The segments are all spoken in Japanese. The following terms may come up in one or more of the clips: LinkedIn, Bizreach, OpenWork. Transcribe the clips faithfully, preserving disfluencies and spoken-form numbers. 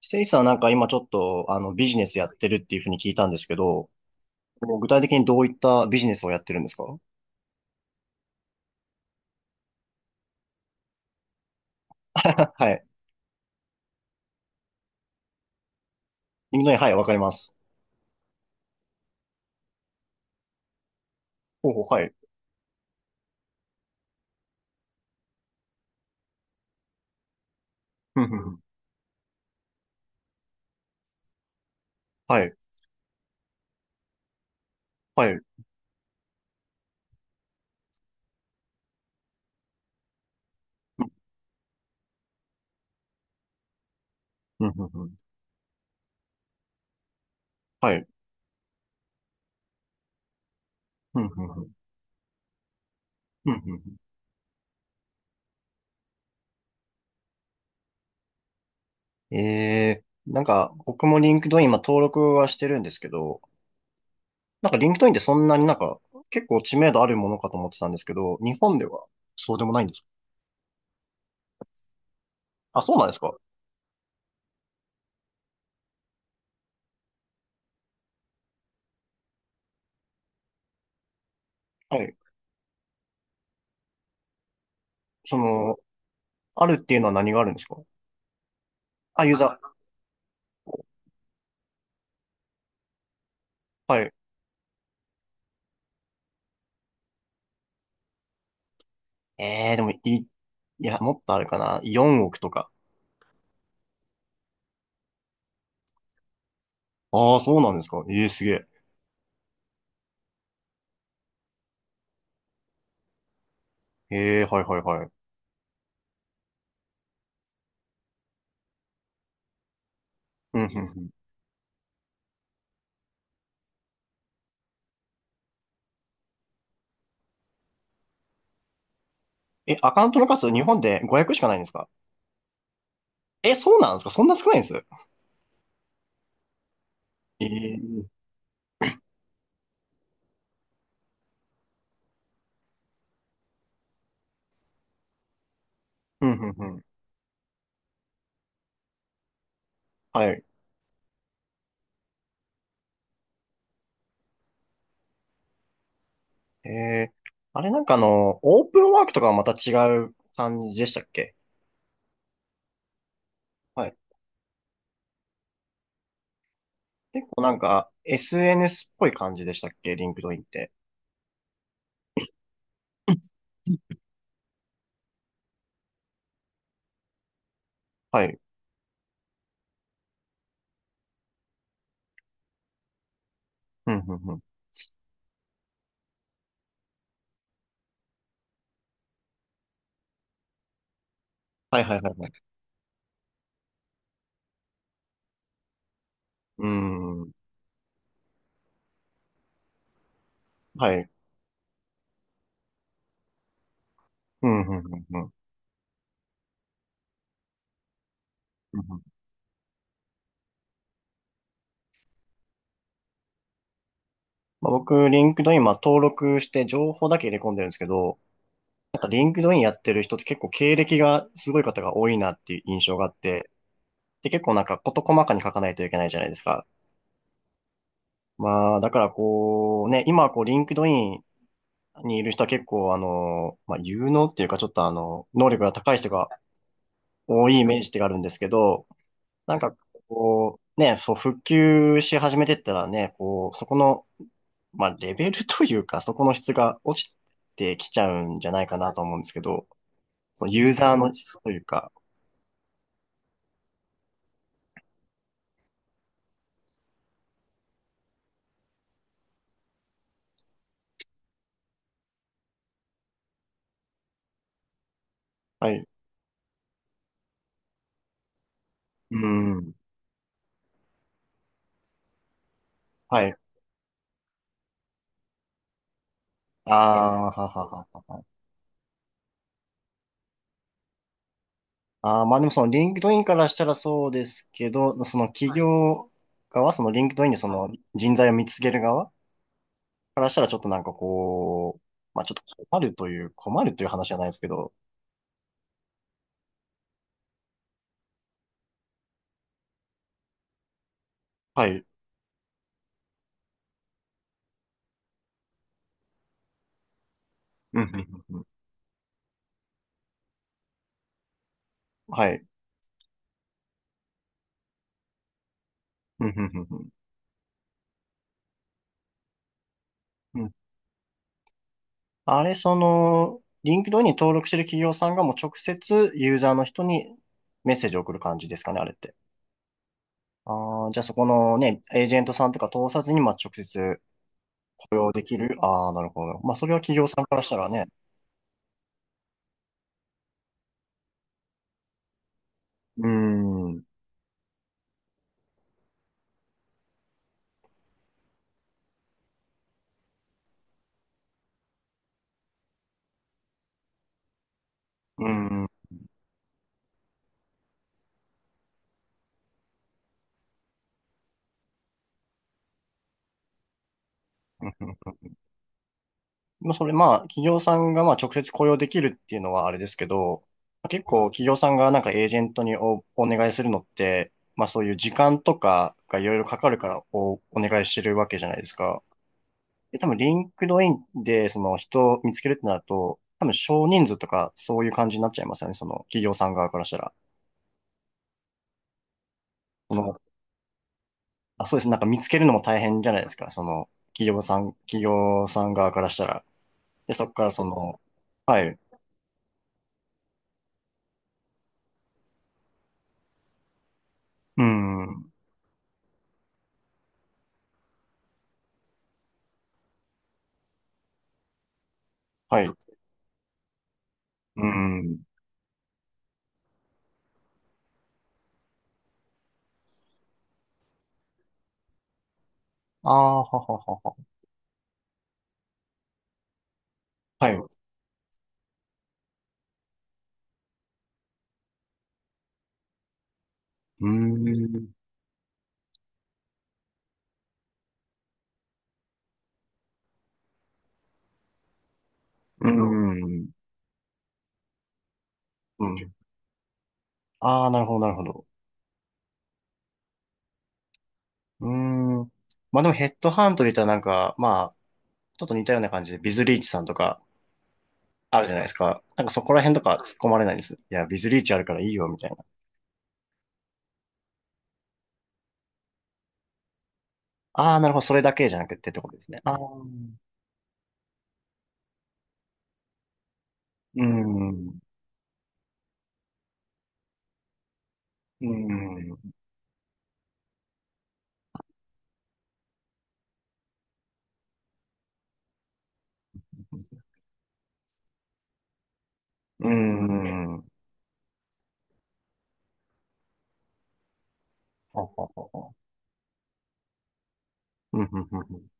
せいさんなんか今ちょっとあのビジネスやってるっていうふうに聞いたんですけど、もう具体的にどういったビジネスをやってるんですか？ はい。インドネはい、わかります。ほうほう、はい。ふんふんふん。はい、はい。ふんふんふん。はい。ふんふんふん。ふんふんふん。えー、なんか僕もリンクドイン今登録はしてるんですけど、なんかリンクドインってそんなになんか結構知名度あるものかと思ってたんですけど、日本ではそうでもないんですか？あ、そうなんですか？はい。その、あるっていうのは何があるんですか？あ、ユーザー。はい。ええでも、い、いや、もっとあるかな。よんおくとか。ああ、そうなんですか。ええ、すげえ。ええ、はいはいはい。うん、うん、うん。え、アカウントの数、日本でごひゃくしかないんですか？え、そうなんですか？そんな少ないんです？ええ。うん、うん、うん。はい。ええ。あれなんかあの、オープンワークとかはまた違う感じでしたっけ？はい。結構なんか、エスエヌエス っぽい感じでしたっけリンクドインって。はい。うん、うん、うん。はいはいはいはい。うーん。はい。うん、うん、うん、うん。まあ、僕、リンクドイン、まあ、登録して情報だけ入れ込んでるんですけど、なんかリンクドインやってる人って結構経歴がすごい方が多いなっていう印象があって、で、結構なんか事細かに書かないといけないじゃないですか。まあ、だからこう、ね、今はこう、リンクドインにいる人は結構あの、まあ、有能っていうかちょっとあの、能力が高い人が多いイメージがあるんですけど、なんかこう、ね、そう、復旧し始めてったらね、こう、そこのまあ、レベルというか、そこの質が落ちてきちゃうんじゃないかなと思うんですけど、そのユーザーの質というか、はい。うん。はい。ああ、はははは。ああ、まあでもそのリンクドインからしたらそうですけど、その企業側、そのリンクドインでその人材を見つける側からしたらちょっとなんかこう、まあちょっと困るという、困るという話じゃないですけど、はい。うん、うん、うんうん。はい。うん、うん、うん、うん。あれ、その、リンクドインに登録してる企業さんがもう直接ユーザーの人にメッセージを送る感じですかね、あれって。ああ、じゃあそこのね、エージェントさんとか通さずに、まあ、直接雇用できる。ああ、なるほど。まあ、それは企業さんからしたらね。うーん。うーん。まあ、それ、まあ、企業さんがまあ直接雇用できるっていうのはあれですけど、結構企業さんがなんかエージェントにお、お願いするのって、まあそういう時間とかがいろいろかかるからお、お願いしてるわけじゃないですか。で、多分、リンクドインで、その人を見つけるってなると、多分、少人数とか、そういう感じになっちゃいますよね。その、企業さん側からしたら。その、あ、そうです。なんか見つけるのも大変じゃないですか。その、企業さん、企業さん側からしたら。で、そこからその、はい。うん。はい。うん。ああ、はははは。はい。うーん。う、なるほど。ん。うん。ああ、なるほど、なるほど。うーん。まあでもヘッドハントで言ったらなんか、まあ、ちょっと似たような感じで、ビズリーチさんとか、あるじゃないですか。なんかそこら辺とか突っ込まれないんです。いや、ビズリーチあるからいいよ、みたいな。ああ、なるほど、それだけじゃなくてってことですね。ああ、うん、うん、うん。ほうほうほうほう。うん、うん、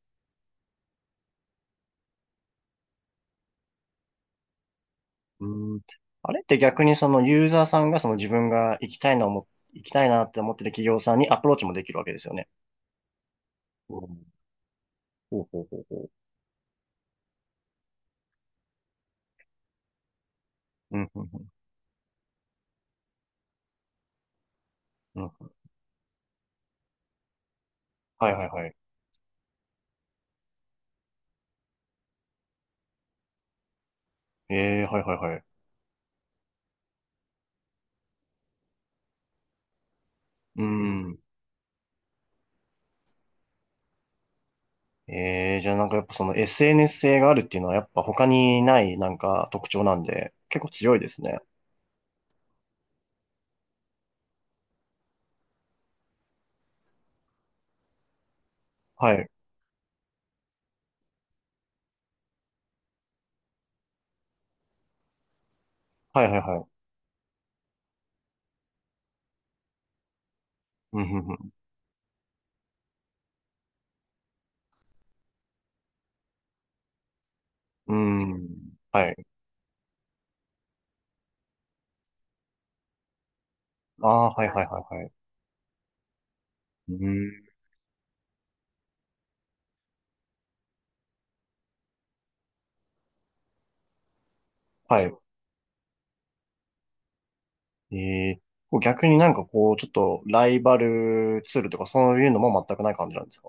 うん。うん。あれって逆にそのユーザーさんがその自分が行きたいな思っ、行きたいなって思ってる企業さんにアプローチもできるわけですよね。うんほうほうほうほう。うん、うん、うん。うんはいはいはい。ええ、はいはいはい。うん。ええ、じゃあなんかやっぱその エスエヌエス 性があるっていうのはやっぱ他にないなんか特徴なんで、結構強いですね。はい。はいはいはい。うん、うん、うん。うん。はい。ああー、はいはいはいはい。うん。はい。ええ、こう逆になんかこう、ちょっとライバルツールとかそういうのも全くない感じなんですか？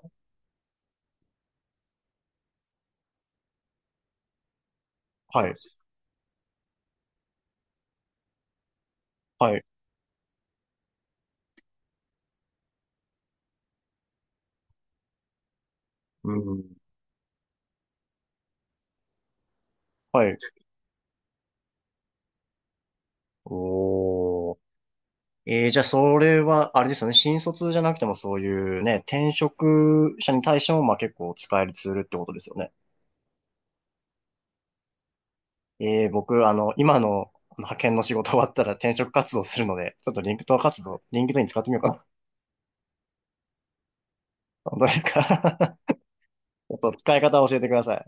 はい。はい。うん。はい。おー。えー、じゃあそれは、あれですよね。新卒じゃなくてもそういうね、転職者に対してもまあ結構使えるツールってことですよね。ええ、僕、あの、今のの派遣の仕事終わったら転職活動するので、ちょっとリンクト活動、リンクトイン使ってみようかな。本当ですか？ ちょっと使い方を教えてください。